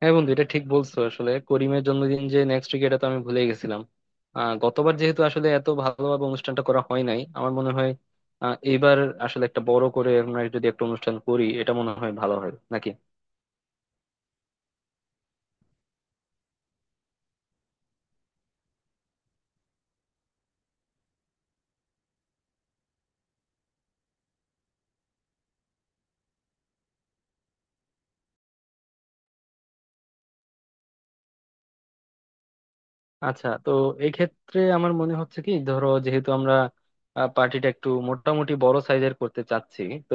হ্যাঁ বন্ধু, এটা ঠিক বলছো। আসলে করিমের জন্মদিন যে নেক্সট উইক এটা তো আমি ভুলে গেছিলাম। গতবার যেহেতু আসলে এত ভালোভাবে অনুষ্ঠানটা করা হয় নাই আমার মনে হয়। এইবার আসলে একটা বড় করে আমরা যদি একটা অনুষ্ঠান করি এটা মনে হয় ভালো হয় নাকি। আচ্ছা, তো এই ক্ষেত্রে আমার মনে হচ্ছে কি, ধরো যেহেতু আমরা পার্টিটা একটু মোটামুটি বড় সাইজের করতে চাচ্ছি, তো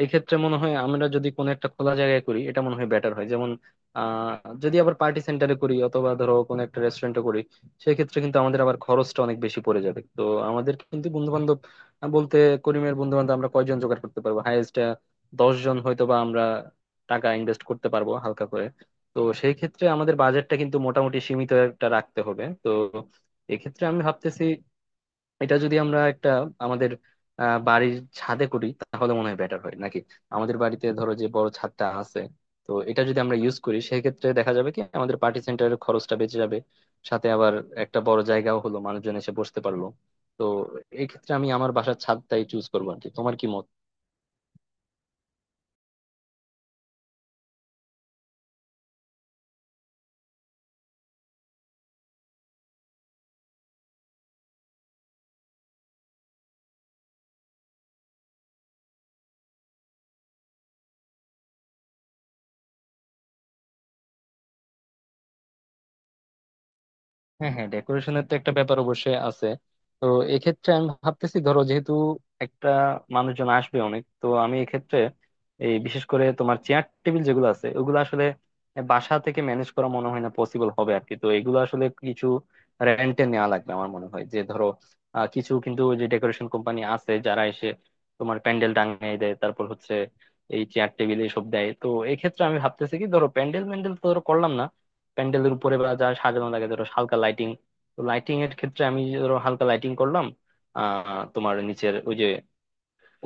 এই ক্ষেত্রে মনে হয় আমরা যদি কোনো একটা খোলা জায়গায় করি এটা মনে হয় বেটার হয়। যেমন যদি আবার পার্টি সেন্টারে করি অথবা ধরো কোনো একটা রেস্টুরেন্টে করি, সেক্ষেত্রে কিন্তু আমাদের আবার খরচটা অনেক বেশি পড়ে যাবে। তো আমাদের কিন্তু বন্ধু বান্ধব বলতে, করিমের বন্ধু বান্ধব আমরা কয়জন জোগাড় করতে পারবো, হাইয়েস্ট 10 জন। হয়তো বা আমরা টাকা ইনভেস্ট করতে পারবো হালকা করে, তো সেই ক্ষেত্রে আমাদের বাজেটটা কিন্তু মোটামুটি সীমিত একটা রাখতে হবে। তো এক্ষেত্রে আমি ভাবতেছি এটা যদি আমরা একটা আমাদের বাড়ির ছাদে করি তাহলে মনে হয় বেটার হয় নাকি। আমাদের বাড়িতে ধরো যে বড় ছাদটা আছে, তো এটা যদি আমরা ইউজ করি সেক্ষেত্রে দেখা যাবে কি আমাদের পার্টি সেন্টারের খরচটা বেঁচে যাবে, সাথে আবার একটা বড় জায়গাও হলো, মানুষজন এসে বসতে পারলো। তো এই ক্ষেত্রে আমি আমার বাসার ছাদটাই চুজ করবো আর কি। তোমার কি মত? হ্যাঁ হ্যাঁ, ডেকোরেশনের তো একটা ব্যাপার অবশ্যই আছে। তো এক্ষেত্রে আমি ভাবতেছি, ধরো যেহেতু একটা মানুষজন আসবে অনেক, তো আমি এক্ষেত্রে এই বিশেষ করে তোমার চেয়ার টেবিল যেগুলো আছে ওগুলো আসলে বাসা থেকে ম্যানেজ করা মনে হয় না পসিবল হবে আর কি। তো এগুলো আসলে কিছু রেন্টে নেওয়া লাগবে আমার মনে হয়। যে ধরো কিছু কিন্তু ওই যে ডেকোরেশন কোম্পানি আছে, যারা এসে তোমার প্যান্ডেল টাঙিয়ে দেয়, তারপর হচ্ছে এই চেয়ার টেবিল এইসব দেয়। তো এক্ষেত্রে আমি ভাবতেছি কি, ধরো প্যান্ডেল ম্যান্ডেল তো ধরো করলাম না, প্যান্ডেলের উপরে বা যা সাজানো লাগে, ধরো হালকা লাইটিং। তো লাইটিং এর ক্ষেত্রে আমি ধরো হালকা লাইটিং করলাম, তোমার নিচের ওই যে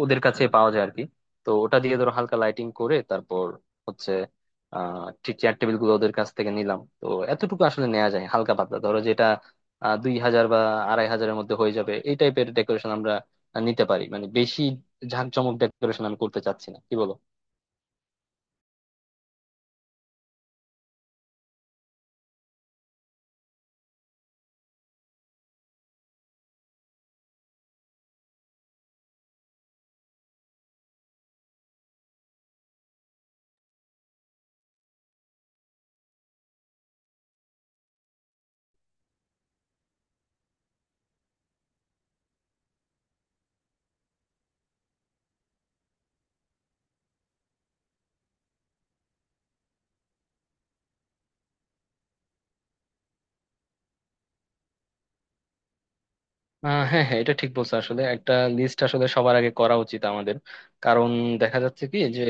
ওদের কাছে পাওয়া যায় আর কি। তো ওটা দিয়ে ধরো হালকা লাইটিং করে, তারপর হচ্ছে ঠিক চেয়ার টেবিল গুলো ওদের কাছ থেকে নিলাম। তো এতটুকু আসলে নেওয়া যায় হালকা পাতলা, ধরো যেটা 2,000 বা 2,500-এর মধ্যে হয়ে যাবে। এই টাইপের ডেকোরেশন আমরা নিতে পারি, মানে বেশি ঝাঁকজমক ডেকোরেশন আমি করতে চাচ্ছি না। কি বলো? হ্যাঁ হ্যাঁ, এটা ঠিক বলছো। আসলে একটা লিস্ট আসলে সবার আগে করা উচিত আমাদের, কারণ দেখা যাচ্ছে কি যে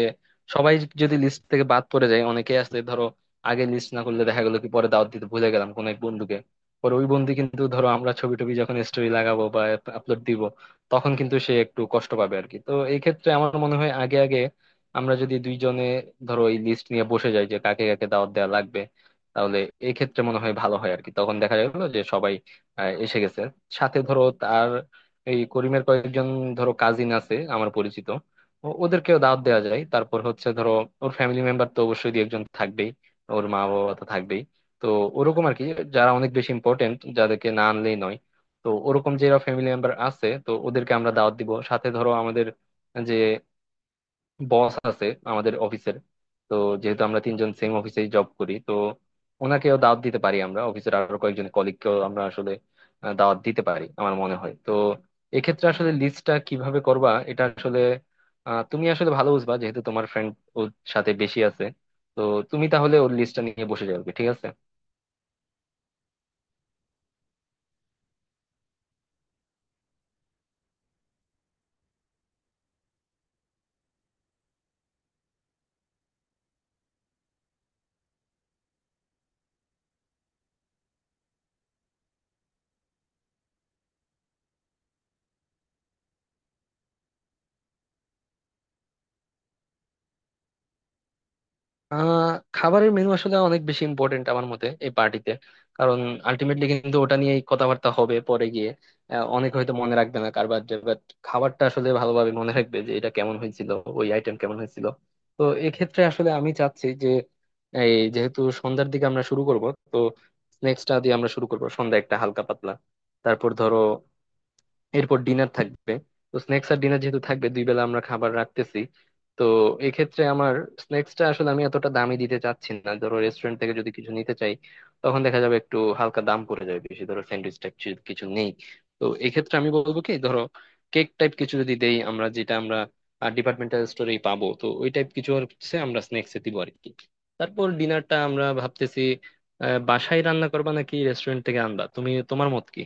সবাই যদি লিস্ট থেকে বাদ পড়ে যায়, অনেকে আছে ধরো আগে লিস্ট না করলে দেখা গেলো কি পরে দাওয়াত দিতে ভুলে গেলাম কোনো এক বন্ধুকে, পরে ওই বন্ধু কিন্তু ধরো আমরা ছবি টবি যখন স্টোরি লাগাবো বা আপলোড দিব, তখন কিন্তু সে একটু কষ্ট পাবে আর কি। তো এই ক্ষেত্রে আমার মনে হয় আগে আগে আমরা যদি দুইজনে ধরো এই লিস্ট নিয়ে বসে যাই যে কাকে কাকে দাওয়াত দেওয়া লাগবে, তাহলে এই ক্ষেত্রে মনে হয় ভালো হয় আর কি। তখন দেখা গেলো যে সবাই এসে গেছে, সাথে ধরো তার এই করিমের কয়েকজন ধরো কাজিন আছে আমার পরিচিত, ওদেরকেও দাওয়াত দেওয়া যায়। তারপর হচ্ছে ধরো ওর ফ্যামিলি মেম্বার তো অবশ্যই দুই একজন থাকবেই, ওর মা বাবা তো থাকবেই। তো ওরকম আর কি, যারা অনেক বেশি ইম্পর্টেন্ট যাদেরকে না আনলেই নয়, তো ওরকম যারা ফ্যামিলি মেম্বার আছে তো ওদেরকে আমরা দাওয়াত দিব। সাথে ধরো আমাদের যে বস আছে আমাদের অফিসের, তো যেহেতু আমরা তিনজন সেম অফিসে জব করি, তো ওনাকেও দাওয়াত দিতে পারি আমরা। অফিসের আরো কয়েকজন কলিগকেও আমরা আসলে দাওয়াত দিতে পারি আমার মনে হয়। তো এক্ষেত্রে আসলে লিস্টটা কিভাবে করবা এটা আসলে, তুমি আসলে ভালো বুঝবা যেহেতু তোমার ফ্রেন্ড ওর সাথে বেশি আছে। তো তুমি তাহলে ওর লিস্টটা নিয়ে বসে যাবে, ঠিক আছে? আহ খাবারের মেনু আসলে অনেক বেশি ইম্পর্টেন্ট আমার মতে এই পার্টিতে, কারণ আলটিমেটলি কিন্তু ওটা নিয়েই কথাবার্তা হবে পরে গিয়ে। অনেক হয়তো মনে রাখবে না কারবার, বাট খাবারটা আসলে ভালোভাবে মনে রাখবে যে এটা কেমন হয়েছিল, ওই আইটেম কেমন হয়েছিল। তো এক্ষেত্রে আসলে আমি চাচ্ছি যে এই যেহেতু সন্ধ্যার দিকে আমরা শুরু করব, তো স্ন্যাক্সটা দিয়ে আমরা শুরু করব সন্ধ্যা একটা হালকা পাতলা, তারপর ধরো এরপর ডিনার থাকবে। তো স্ন্যাক্স আর ডিনার যেহেতু থাকবে, দুই বেলা আমরা খাবার রাখতেছি, তো এক্ষেত্রে আমার স্ন্যাক্সটা আসলে আমি এতটা দামি দিতে চাচ্ছি না। ধরো রেস্টুরেন্ট থেকে যদি কিছু নিতে চাই তখন দেখা যাবে একটু হালকা দাম পড়ে যাবে বেশি, ধরো স্যান্ডউইচ টাইপ কিছু নেই। তো এক্ষেত্রে আমি বলবো কি, ধরো কেক টাইপ কিছু যদি দেই আমরা যেটা আমরা ডিপার্টমেন্টাল স্টোরেই পাবো, তো ওই টাইপ কিছু হচ্ছে আমরা স্ন্যাক্সে দিব আর কি। তারপর ডিনারটা আমরা ভাবতেছি বাসায় রান্না করবা নাকি রেস্টুরেন্ট থেকে আনবা, তুমি, তোমার মত কি?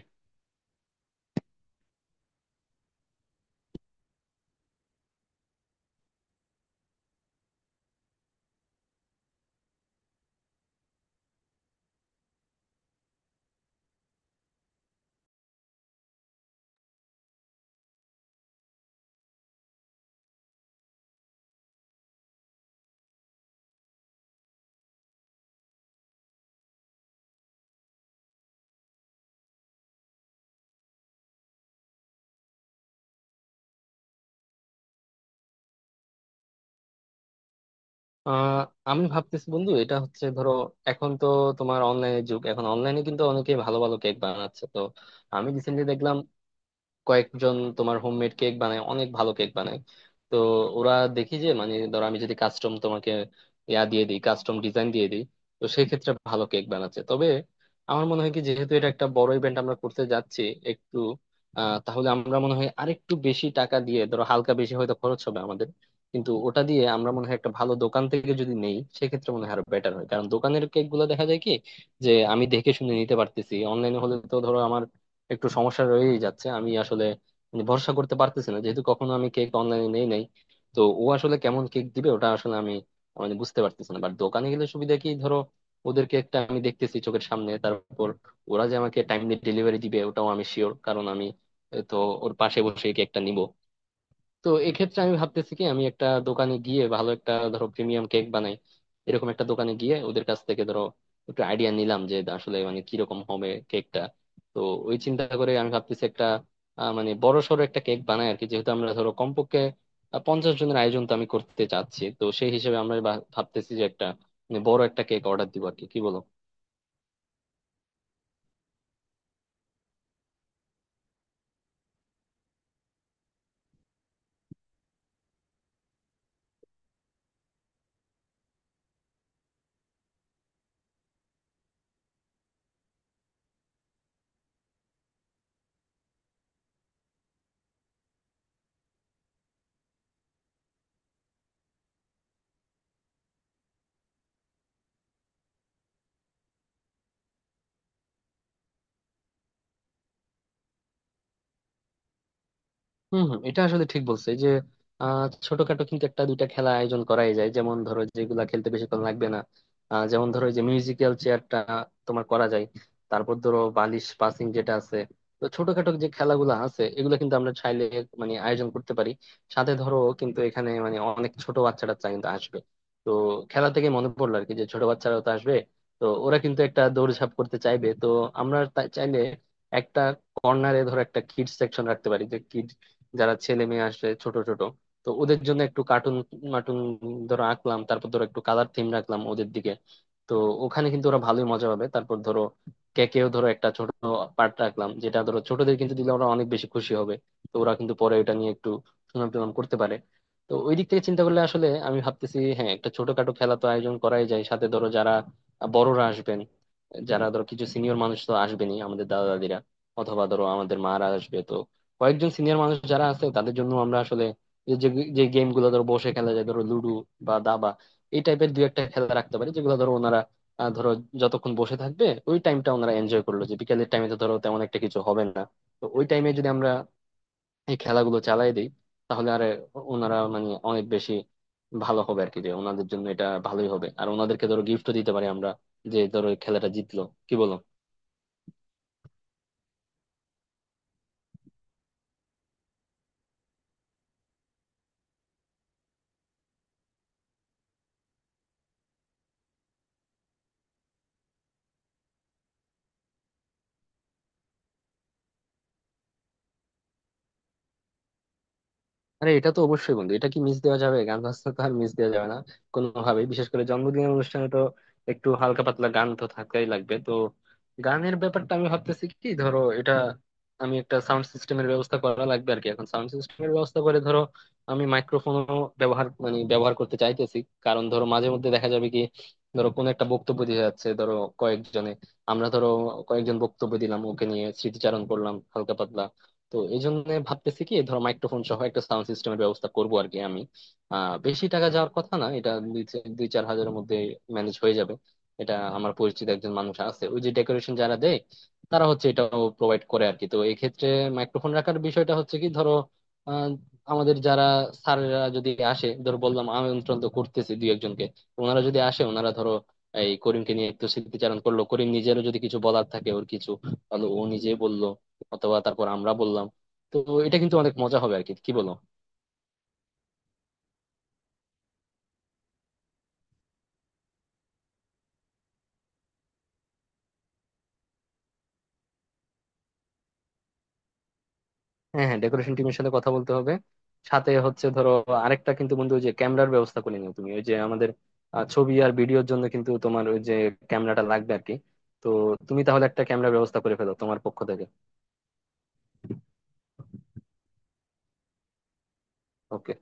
আহ আমি ভাবতেছি বন্ধু, এটা হচ্ছে ধরো এখন তো তোমার অনলাইনের যুগ, এখন অনলাইনে কিন্তু অনেকে ভালো ভালো কেক বানাচ্ছে। তো আমি রিসেন্টলি দেখলাম কয়েকজন তোমার হোমমেড কেক বানায়, অনেক ভালো কেক বানায়। তো ওরা দেখি যে মানে ধরো আমি যদি কাস্টম তোমাকে ইয়া দিয়ে দিই, কাস্টম ডিজাইন দিয়ে দিই, তো সেই ক্ষেত্রে ভালো কেক বানাচ্ছে। তবে আমার মনে হয় কি যেহেতু এটা একটা বড় ইভেন্ট আমরা করতে যাচ্ছি, একটু তাহলে আমরা মনে হয় আরেকটু বেশি টাকা দিয়ে ধরো হালকা বেশি হয়তো খরচ হবে আমাদের, কিন্তু ওটা দিয়ে আমরা মনে হয় একটা ভালো দোকান থেকে যদি নেই সেক্ষেত্রে মনে হয় আরো বেটার হয়। কারণ দোকানের কেক গুলো দেখা যায় কি যে আমি দেখে শুনে নিতে পারতেছি, অনলাইনে হলে তো ধরো আমার একটু সমস্যা রয়েই যাচ্ছে, আমি আসলে মানে ভরসা করতে পারতেছি না যেহেতু কখনো আমি কেক অনলাইনে নেই নাই। তো ও আসলে কেমন কেক দিবে ওটা আসলে আমি মানে বুঝতে পারতেছি না। বাট দোকানে গেলে সুবিধা কি, ধরো ওদের কেকটা আমি দেখতেছি চোখের সামনে, তারপর ওরা যে আমাকে টাইমলি ডেলিভারি দিবে ওটাও আমি শিওর, কারণ আমি তো ওর পাশে বসে কেকটা নিব। তো এক্ষেত্রে আমি ভাবতেছি কি আমি একটা দোকানে গিয়ে ভালো একটা ধরো প্রিমিয়াম কেক বানাই এরকম একটা দোকানে গিয়ে ওদের কাছ থেকে ধরো একটু আইডিয়া নিলাম যে আসলে মানে কিরকম হবে কেকটা। তো ওই চিন্তা করে আমি ভাবতেছি একটা মানে বড় সড়ো একটা কেক বানাই আর কি, যেহেতু আমরা ধরো কমপক্ষে 50 জনের আয়োজন তো আমি করতে চাচ্ছি, তো সেই হিসেবে আমরা ভাবতেছি যে একটা মানে বড় একটা কেক অর্ডার দিব আর কি। কি বলো? হম, হম, এটা আসলে ঠিক বলছে যে ছোটখাটো কিন্তু একটা দুইটা খেলা আয়োজন করাই যায়, যেমন ধরো যেগুলা খেলতে বেশিক্ষণ লাগবে না। যেমন ধরো এই যে মিউজিক্যাল চেয়ারটা তোমার করা যায়, তারপর ধরো বালিশ পাসিং যেটা আছে। তো ছোটখাটো যে খেলাগুলো আছে এগুলো কিন্তু আমরা চাইলে মানে আয়োজন করতে পারি। সাথে ধরো কিন্তু এখানে মানে অনেক ছোট বাচ্চারা টাচ্চা কিন্তু আসবে, তো খেলা থেকে মনে পড়লো আর কি যে ছোট বাচ্চারাও তো আসবে। তো ওরা কিন্তু একটা দৌড়ঝাঁপ করতে চাইবে, তো আমরা চাইলে একটা কর্নারে ধরো একটা কিড সেকশন রাখতে পারি, যারা ছেলে মেয়ে আসে ছোট ছোট। তো ওদের জন্য একটু কার্টুন মাটুন ধরো আঁকলাম, তারপর ধরো একটু কালার থিম রাখলাম ওদের দিকে। তো ওখানে কিন্তু ওরা ভালোই মজা পাবে। তারপর ধরো কেকেও ধরো একটা ছোট পার্ট রাখলাম, যেটা ধরো ছোটদের কিন্তু দিলে ওরা অনেক বেশি খুশি হবে। তো ওরা কিন্তু পরে এটা নিয়ে একটু সুনাম টুনাম করতে পারে। তো ওই দিক থেকে চিন্তা করলে আসলে আমি ভাবতেছি হ্যাঁ, একটা ছোটখাটো খেলা তো আয়োজন করাই যায়। সাথে ধরো যারা বড়রা আসবেন, যারা ধরো কিছু সিনিয়র মানুষ তো আসবেনই, আমাদের দাদা দাদিরা অথবা ধরো আমাদের মারা আসবে, তো কয়েকজন সিনিয়র মানুষ যারা আছে তাদের জন্য আমরা আসলে এই যে যে গেম গুলো ধরো বসে খেলা যায়, ধরো লুডো বা দাবা, এই টাইপের দুই একটা খেলা রাখতে পারি। যেগুলো ধরো ওনারা ধরো যতক্ষণ বসে থাকবে ওই টাইমটা ওনারা এনজয় করলো, যে বিকেলের টাইমে তো ধরো তেমন একটা কিছু হবে না, তো ওই টাইমে যদি আমরা এই খেলাগুলো চালাই দিই, তাহলে আর ওনারা মানে অনেক বেশি ভালো হবে আর কি, যে ওনাদের জন্য এটা ভালোই হবে। আর ওনাদেরকে ধরো গিফটও দিতে পারি আমরা, যে ধরো এই খেলাটা জিতলো। কি বলো? আরে এটা তো অবশ্যই বন্ধু, এটা কি মিস দেওয়া যাবে, গান বাজনা তো আর মিস দেওয়া যাবে না কোনোভাবেই, বিশেষ করে জন্মদিনের অনুষ্ঠানে তো একটু হালকা পাতলা গান তো থাকাই লাগবে। তো গানের ব্যাপারটা আমি ভাবতেছি কি, ধরো এটা আমি একটা সাউন্ড সিস্টেমের ব্যবস্থা করা লাগবে আর কি। এখন সাউন্ড সিস্টেমের ব্যবস্থা করে ধরো আমি মাইক্রোফোনও ব্যবহার করতে চাইতেছি, কারণ ধরো মাঝে মধ্যে দেখা যাবে কি ধরো কোন একটা বক্তব্য দিয়ে যাচ্ছে ধরো কয়েকজনে, আমরা ধরো কয়েকজন বক্তব্য দিলাম, ওকে নিয়ে স্মৃতিচারণ করলাম হালকা পাতলা। তো এই জন্য ভাবতেছি কি ধরো মাইক্রোফোন সহ একটা সাউন্ড সিস্টেমের ব্যবস্থা করব আর কি আমি। বেশি টাকা যাওয়ার কথা না, এটা 2-4 হাজারের মধ্যে ম্যানেজ হয়ে যাবে। এটা আমার পরিচিত একজন মানুষ আছে ওই যে ডেকোরেশন যারা দেয়, তারা হচ্ছে এটাও প্রোভাইড করে আর কি। তো এক্ষেত্রে মাইক্রোফোন রাখার বিষয়টা হচ্ছে কি, ধরো আহ আমাদের যারা স্যাররা যদি আসে, ধরো বললাম আমন্ত্রণ তো করতেছি দুই একজনকে, ওনারা যদি আসে ওনারা ধরো এই করিমকে নিয়ে একটু স্মৃতিচারণ করলো, করিম নিজেরও যদি কিছু বলার থাকে ওর কিছু, তাহলে ও নিজে বললো, অথবা তারপর আমরা বললাম। তো এটা কিন্তু অনেক মজা হবে আর কি। কি বলো? হ্যাঁ হ্যাঁ, ডেকোরেশন টিমের সাথে কথা বলতে হবে। সাথে হচ্ছে ধরো আরেকটা কিন্তু বন্ধু, ওই যে ক্যামেরার ব্যবস্থা করে নিও তুমি, ওই যে আমাদের ছবি আর ভিডিওর জন্য কিন্তু তোমার ওই যে ক্যামেরাটা লাগবে আর কি। তো তুমি তাহলে একটা ক্যামেরার ব্যবস্থা করে ফেলো তোমার পক্ষ থেকে। ওকে।